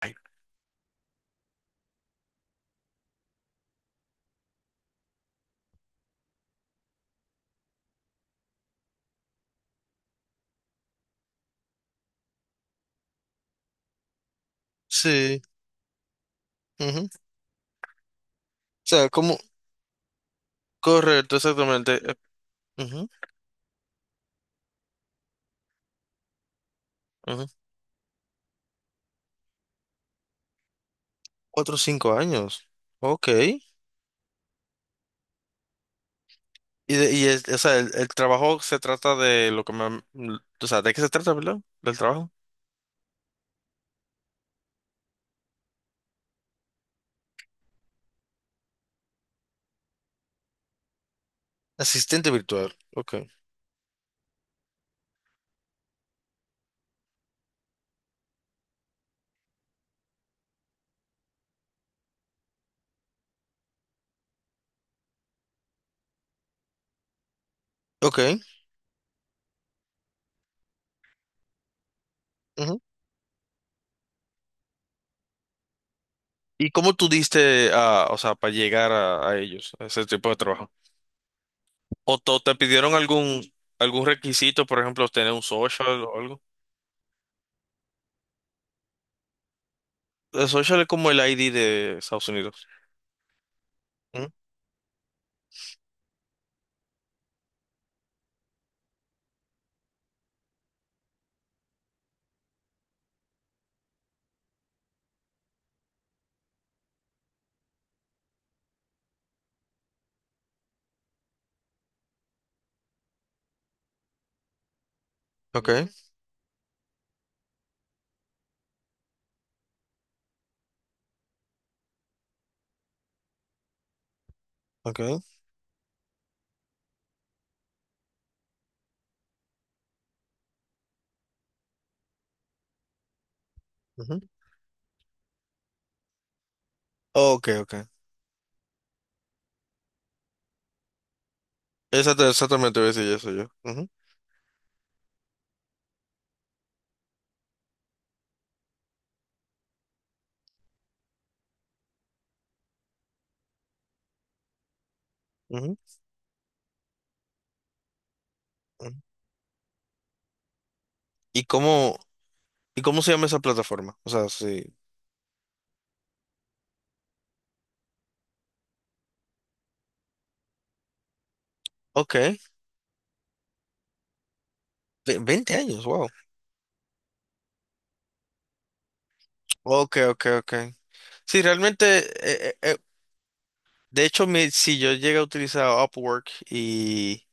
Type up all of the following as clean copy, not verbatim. Ay. Sí. Ujú. O sea, ¿cómo? Correcto, exactamente. Ujú, ujú. Cuatro o cinco años. Ok. Y o sea, el trabajo se trata de lo que me... O sea, ¿de qué se trata, verdad? Del trabajo. Asistente virtual. Ok. Ok. Ujú. ¿Y cómo tú diste a, o sea, para llegar a ellos, a ese tipo de trabajo? ¿Te pidieron algún, algún requisito, por ejemplo, tener un social o algo? El social es como el ID de Estados Unidos. ¿Mm? Ok. Ok. Ok, ok. Exactamente voy a decir eso yo. Ujú, ujú, ujú. ¿Y cómo, y cómo se llama esa plataforma? O sea, sí. Ok. 20 años, wow. Ok, ok, ok. Sí, realmente, de hecho, mi, si yo llegué a utilizar Upwork y,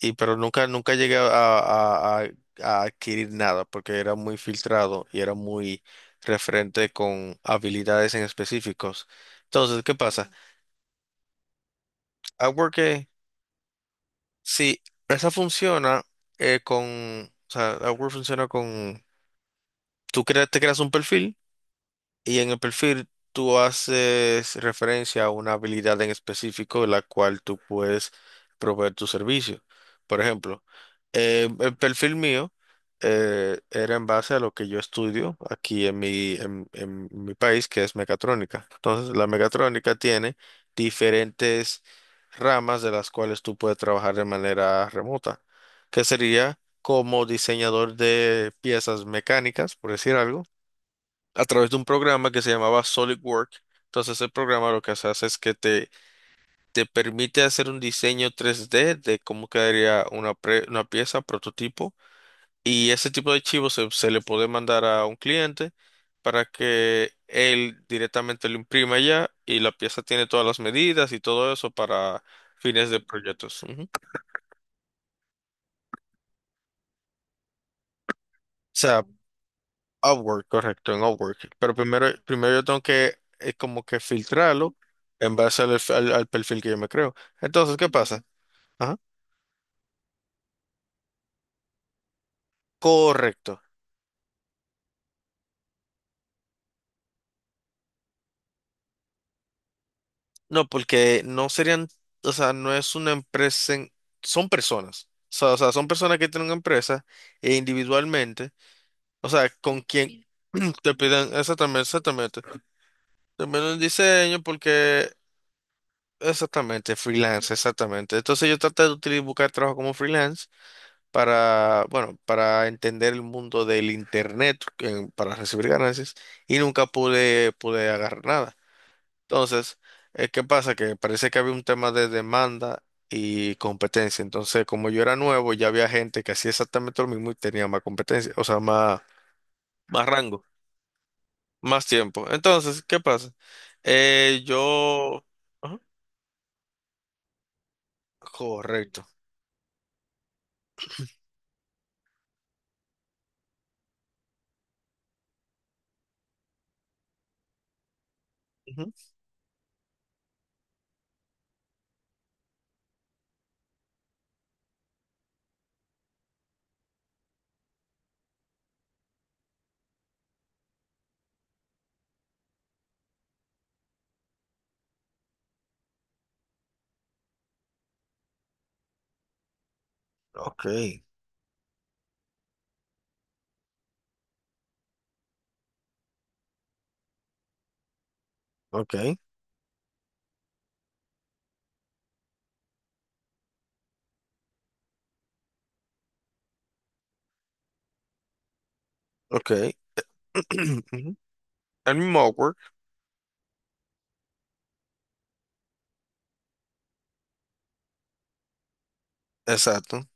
y pero nunca llegué a, a adquirir nada porque era muy filtrado y era muy referente con habilidades en específicos. Entonces, ¿qué pasa? Upwork. Sí, esa funciona con, o sea, Upwork funciona con, te creas un perfil. Y en el perfil tú haces referencia a una habilidad en específico la cual tú puedes proveer tu servicio. Por ejemplo, el perfil mío era en base a lo que yo estudio aquí en mi, en mi país, que es mecatrónica. Entonces, la mecatrónica tiene diferentes ramas de las cuales tú puedes trabajar de manera remota, que sería como diseñador de piezas mecánicas, por decir algo, a través de un programa que se llamaba SolidWorks. Entonces, el programa lo que se hace es que te permite hacer un diseño 3D de cómo quedaría una, una pieza, prototipo, y ese tipo de archivos se le puede mandar a un cliente para que él directamente lo imprima ya, y la pieza tiene todas las medidas y todo eso para fines de proyectos. Ujú. O sea, Upwork, correcto, en Upwork. Pero primero yo tengo que como que filtrarlo en base al, al perfil que yo me creo. Entonces, ¿qué pasa? Ajá. Correcto. No, porque no serían, o sea, no es una empresa, son personas. O sea, son personas que tienen una empresa e individualmente, o sea, con quien te piden. Exactamente, exactamente. También un diseño porque, exactamente, freelance, exactamente. Entonces yo traté de utilizar, buscar trabajo como freelance, para, bueno, para entender el mundo del internet, para recibir ganancias, y nunca pude agarrar nada. Entonces, ¿qué pasa? Que parece que había un tema de demanda y competencia. Entonces, como yo era nuevo, ya había gente que hacía exactamente lo mismo y tenía más competencia, o sea, más, más rango, más tiempo. Entonces, ¿qué pasa? Yo... Ajá. Correcto. Ujú. Ok, ok, ok. Ujú. El mismo Upwork, exacto.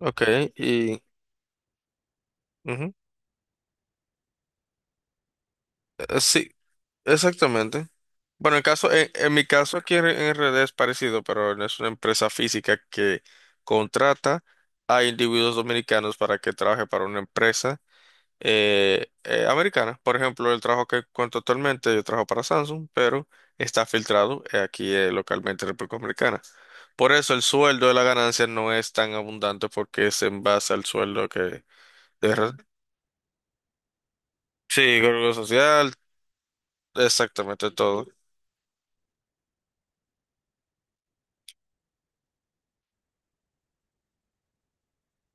Ok, y ujú, sí, exactamente. Bueno, el caso, en mi caso aquí en R D es parecido, pero no es una empresa física que contrata a individuos dominicanos para que trabaje para una empresa americana. Por ejemplo, el trabajo que cuento actualmente, yo trabajo para Samsung, pero está filtrado aquí localmente en República Dominicana. Por eso el sueldo de la ganancia no es tan abundante porque es en base al sueldo que de re- sí, Seguro Social, exactamente todo.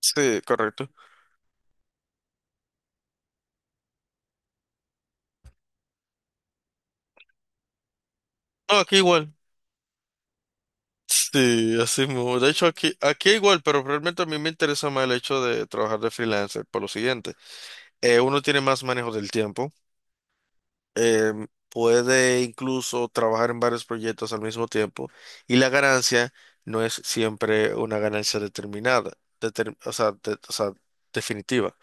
Sí, correcto. No, aquí igual. Sí, así mismo. De hecho, aquí, aquí igual, pero realmente a mí me interesa más el hecho de trabajar de freelancer por lo siguiente. Uno tiene más manejo del tiempo, eh, puede incluso trabajar en varios proyectos al mismo tiempo, y la ganancia no es siempre una ganancia determinada, o sea, o sea, definitiva.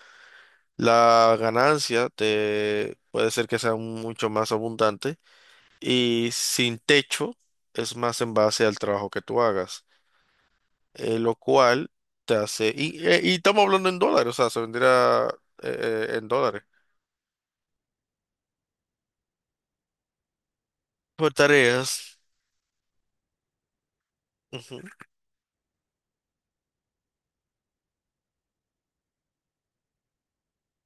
La ganancia puede ser que sea mucho más abundante y sin techo, es más en base al trabajo que tú hagas, lo cual te hace, y estamos hablando en dólares, o sea, se venderá en dólares. Por tareas. Ujú.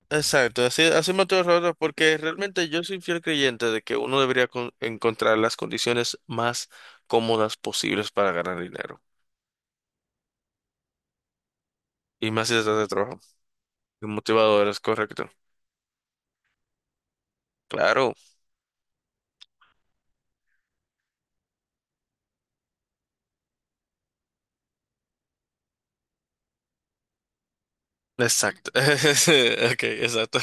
Exacto, así, así me estoy ahorrando porque realmente yo soy fiel creyente de que uno debería encontrar las condiciones más cómodas posibles para ganar dinero. Y más si estás de trabajo. Y motivador, es correcto. Claro, exacto. Ok, exacto.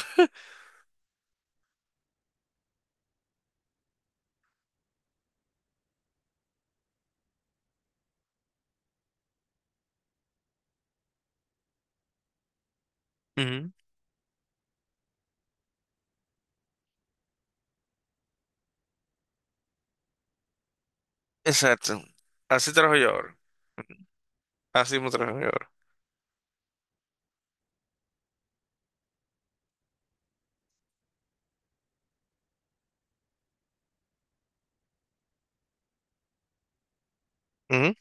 Ujú. Exacto. Así trabajo yo ahora. Así mismo trabajan ahora. Ujú.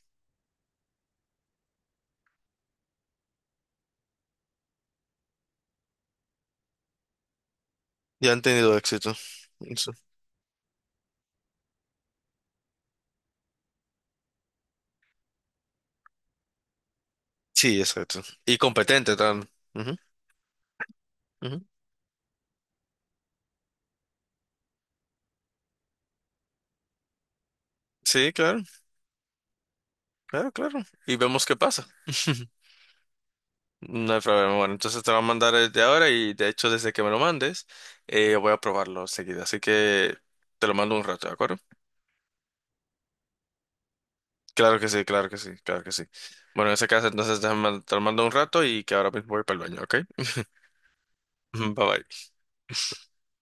Ya han tenido éxito. Eso. Sí, exacto. Y competente también. Ujú, ujú. Sí, claro, claro, claro. Y vemos qué pasa. No hay problema. Bueno, entonces te va a mandar desde ahora, y de hecho desde que me lo mandes, voy a probarlo seguida. Así que te lo mando un rato, ¿de acuerdo? Claro que sí, claro que sí, claro que sí. Bueno, en ese caso entonces te lo mando un rato y que ahora mismo voy para el baño, ¿ok? Bye bye.